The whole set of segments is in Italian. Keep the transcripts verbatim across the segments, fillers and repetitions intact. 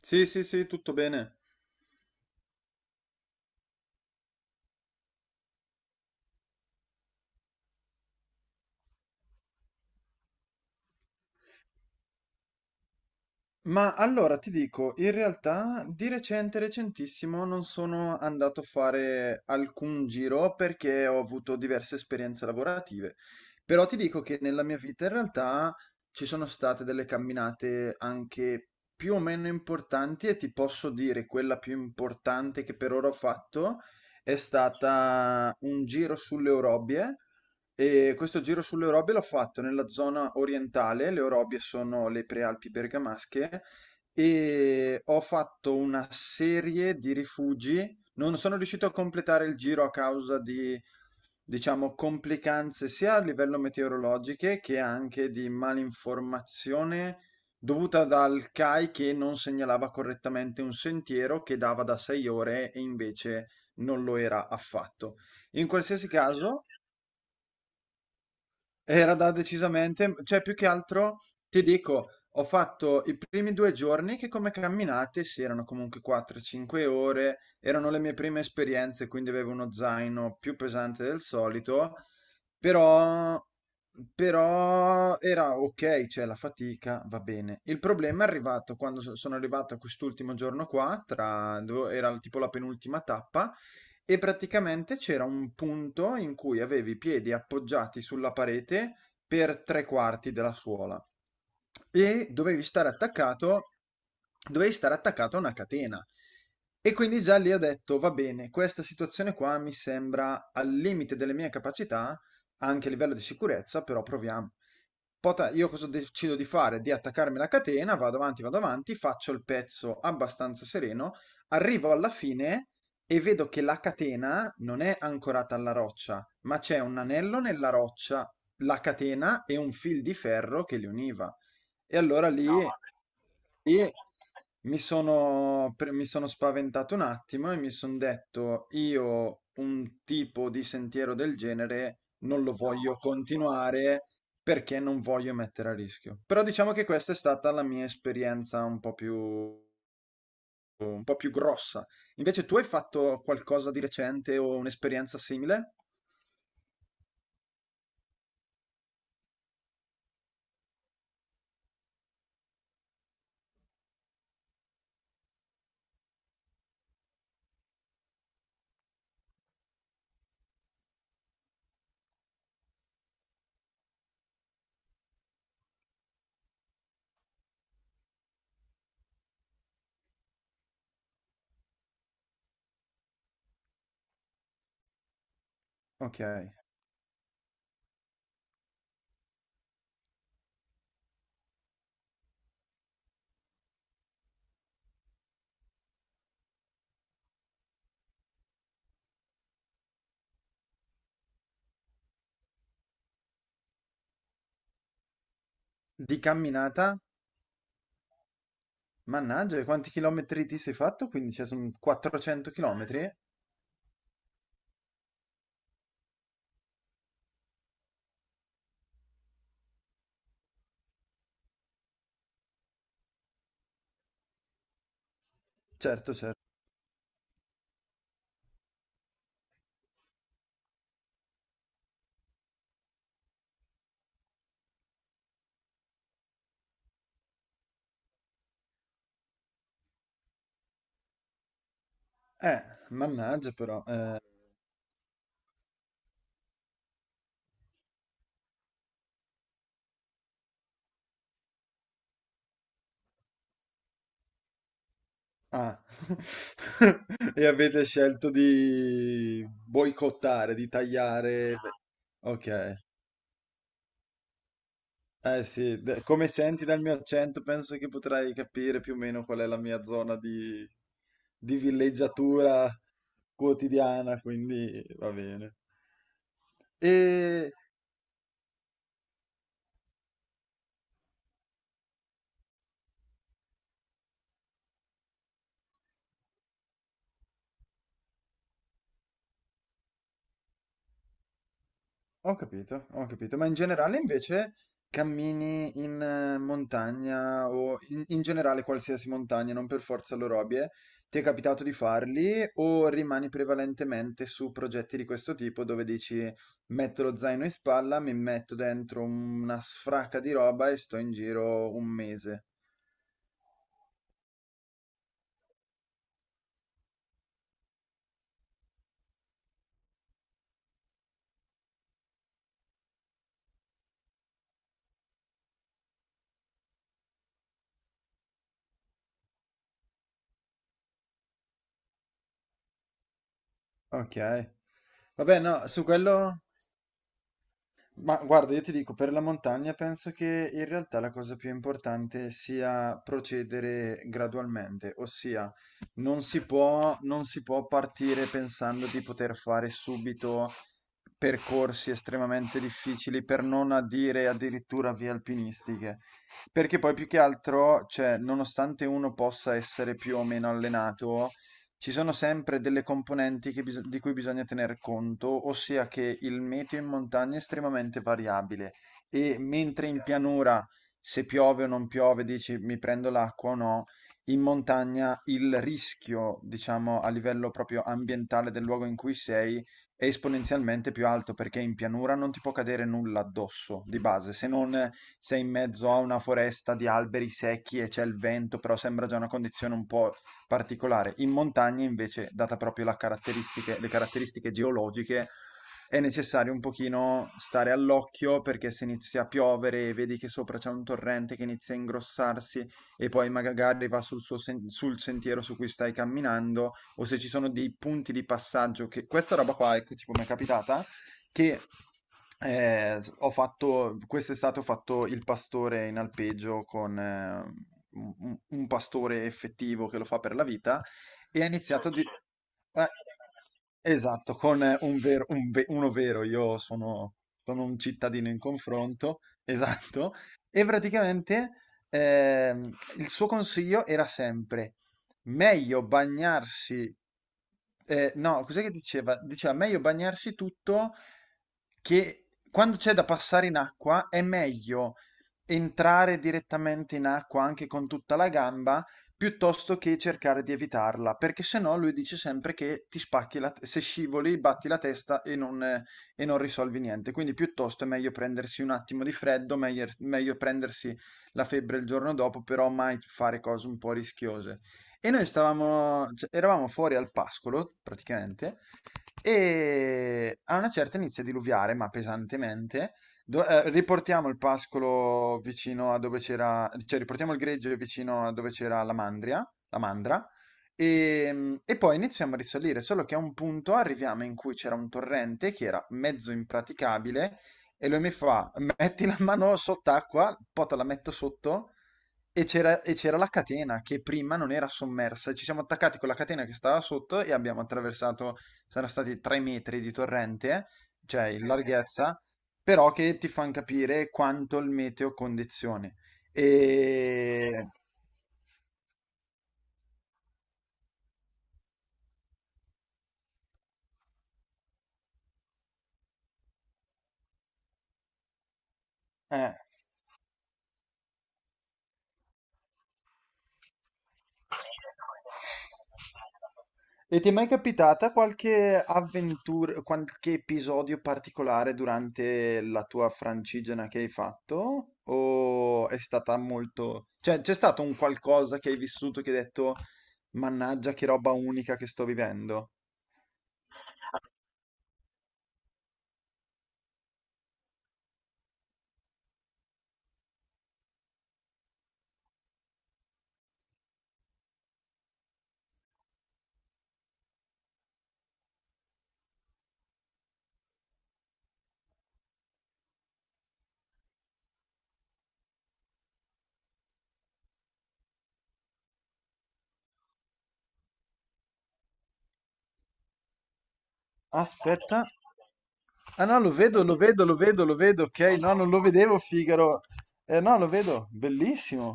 Sì, sì, sì, tutto bene. Ma allora ti dico, in realtà di recente, recentissimo, non sono andato a fare alcun giro perché ho avuto diverse esperienze lavorative. Però ti dico che nella mia vita in realtà ci sono state delle camminate anche più o meno importanti e ti posso dire quella più importante che per ora ho fatto è stata un giro sulle Orobie. E questo giro sulle Orobie l'ho fatto nella zona orientale, le Orobie sono le prealpi bergamasche, e ho fatto una serie di rifugi. Non sono riuscito a completare il giro a causa di, diciamo, complicanze sia a livello meteorologiche che anche di malinformazione dovuta dal C A I, che non segnalava correttamente un sentiero che dava da sei ore e invece non lo era affatto. In qualsiasi caso, era da decisamente, cioè più che altro ti dico, ho fatto i primi due giorni che, come camminate, sì, erano comunque quattro, cinque ore, erano le mie prime esperienze, quindi avevo uno zaino più pesante del solito, però però era okay, cioè la fatica va bene. Il problema è arrivato quando so sono arrivato a quest'ultimo giorno qua, tra dove era tipo la penultima tappa, e praticamente c'era un punto in cui avevi i piedi appoggiati sulla parete per tre quarti della suola e dovevi stare attaccato, dovevi stare attaccato a una catena. E quindi già lì ho detto, va bene, questa situazione qua mi sembra al limite delle mie capacità, anche a livello di sicurezza, però proviamo. Pota- io cosa decido di fare? Di attaccarmi alla catena, vado avanti, vado avanti, faccio il pezzo abbastanza sereno, arrivo alla fine e vedo che la catena non è ancorata alla roccia, ma c'è un anello nella roccia, la catena e un fil di ferro che li univa. E allora lì, no, lì mi sono, pre- mi sono spaventato un attimo e mi sono detto, io un tipo di sentiero del genere non lo non voglio voglio continuare. Continuare perché non voglio mettere a rischio. Però diciamo che questa è stata la mia esperienza un po' più un po' più grossa. Invece tu hai fatto qualcosa di recente o un'esperienza simile? Ok. Di camminata? Mannaggia, e quanti chilometri ti sei fatto? Quindi cioè, sono quattrocento chilometri? Certo, certo. Eh, mannaggia però. eh, ah. E avete scelto di boicottare, di tagliare. Ok. Eh sì, de- come senti dal mio accento, penso che potrai capire più o meno qual è la mia zona di, di villeggiatura quotidiana, quindi va bene. E ho capito, ho capito, ma in generale invece cammini in eh, montagna o in, in generale qualsiasi montagna, non per forza l'Orobie, ti è capitato di farli o rimani prevalentemente su progetti di questo tipo dove dici metto lo zaino in spalla, mi metto dentro una sfracca di roba e sto in giro un mese? Ok, vabbè no, su quello ma guarda, io ti dico, per la montagna penso che in realtà la cosa più importante sia procedere gradualmente, ossia non si può, non si può partire pensando di poter fare subito percorsi estremamente difficili, per non a dire addirittura vie alpinistiche, perché poi più che altro, cioè, nonostante uno possa essere più o meno allenato, ci sono sempre delle componenti che bis- di cui bisogna tener conto, ossia che il meteo in montagna è estremamente variabile e mentre in pianura, se piove o non piove, dici mi prendo l'acqua o no, in montagna il rischio, diciamo, a livello proprio ambientale del luogo in cui sei è esponenzialmente più alto perché in pianura non ti può cadere nulla addosso di base, se non sei in mezzo a una foresta di alberi secchi e c'è il vento, però sembra già una condizione un po' particolare. In montagna invece, data proprio la caratteristiche- le caratteristiche geologiche, è necessario un pochino stare all'occhio perché se inizia a piovere e vedi che sopra c'è un torrente che inizia a ingrossarsi e poi magari va sul, suo sen- sul sentiero su cui stai camminando o se ci sono dei punti di passaggio che questa roba qua, ecco, tipo mi è capitata che eh, ho fatto quest'estate, ho fatto il pastore in alpeggio con eh, un, un- un pastore effettivo che lo fa per la vita e ha iniziato di... eh, esatto, con eh, un vero, un ve- uno vero, io sono, sono un cittadino in confronto, esatto, e praticamente ehm, il suo consiglio era sempre meglio bagnarsi. Eh, no, cos'è che diceva? Diceva meglio bagnarsi tutto, che quando c'è da passare in acqua è meglio entrare direttamente in acqua anche con tutta la gamba piuttosto che cercare di evitarla, perché se no lui dice sempre che ti spacchi la te- se scivoli, batti la testa e non, eh, e non risolvi niente. Quindi piuttosto è meglio prendersi un attimo di freddo, meglio meglio prendersi la febbre il giorno dopo, però mai fare cose un po' rischiose. E noi stavamo, cioè, eravamo fuori al pascolo, praticamente, e a una certa inizia a diluviare, ma pesantemente. Do- eh, riportiamo il pascolo vicino a dove c'era, cioè riportiamo il greggio vicino a dove c'era la mandria, la mandra, e, e poi iniziamo a risalire, solo che a un punto arriviamo in cui c'era un torrente che era mezzo impraticabile, e lui mi fa, metti la mano sott'acqua, poi te la metto sotto, e c'era e c'era la catena che prima non era sommersa. Ci siamo attaccati con la catena che stava sotto e abbiamo attraversato, saranno stati tre metri di torrente, cioè in, eh sì, larghezza, però che ti fanno capire quanto il meteo condizioni. E... eh. E ti è mai capitata qualche avventura, qualche episodio particolare durante la tua Francigena che hai fatto? O è stata molto... cioè, c'è stato un qualcosa che hai vissuto che hai detto, mannaggia, che roba unica che sto vivendo? Aspetta. Ah no, lo vedo, lo vedo, lo vedo, lo vedo, ok? No, non lo vedevo, Figaro. Eh no, lo vedo, bellissimo.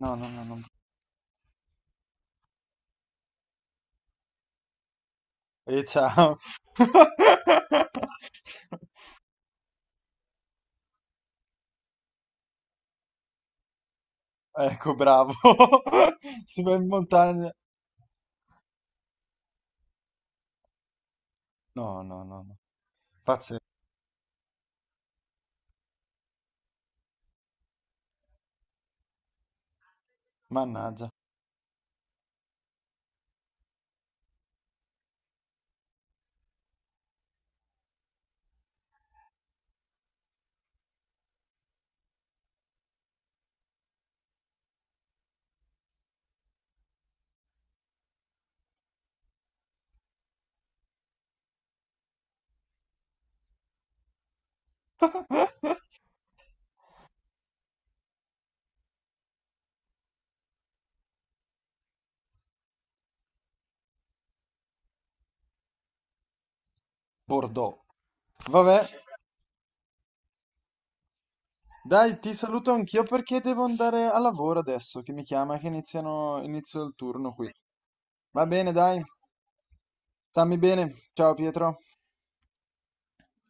No, no, no, no. E ciao. Ecco, bravo. Si va in montagna. No, no, no, no. Pazzesco. Mannaggia. Bordeaux. Vabbè, dai, ti saluto anch'io perché devo andare a lavoro adesso, che mi chiama, che iniziano, inizio il turno qui. Va bene, dai. Stammi bene. Ciao Pietro.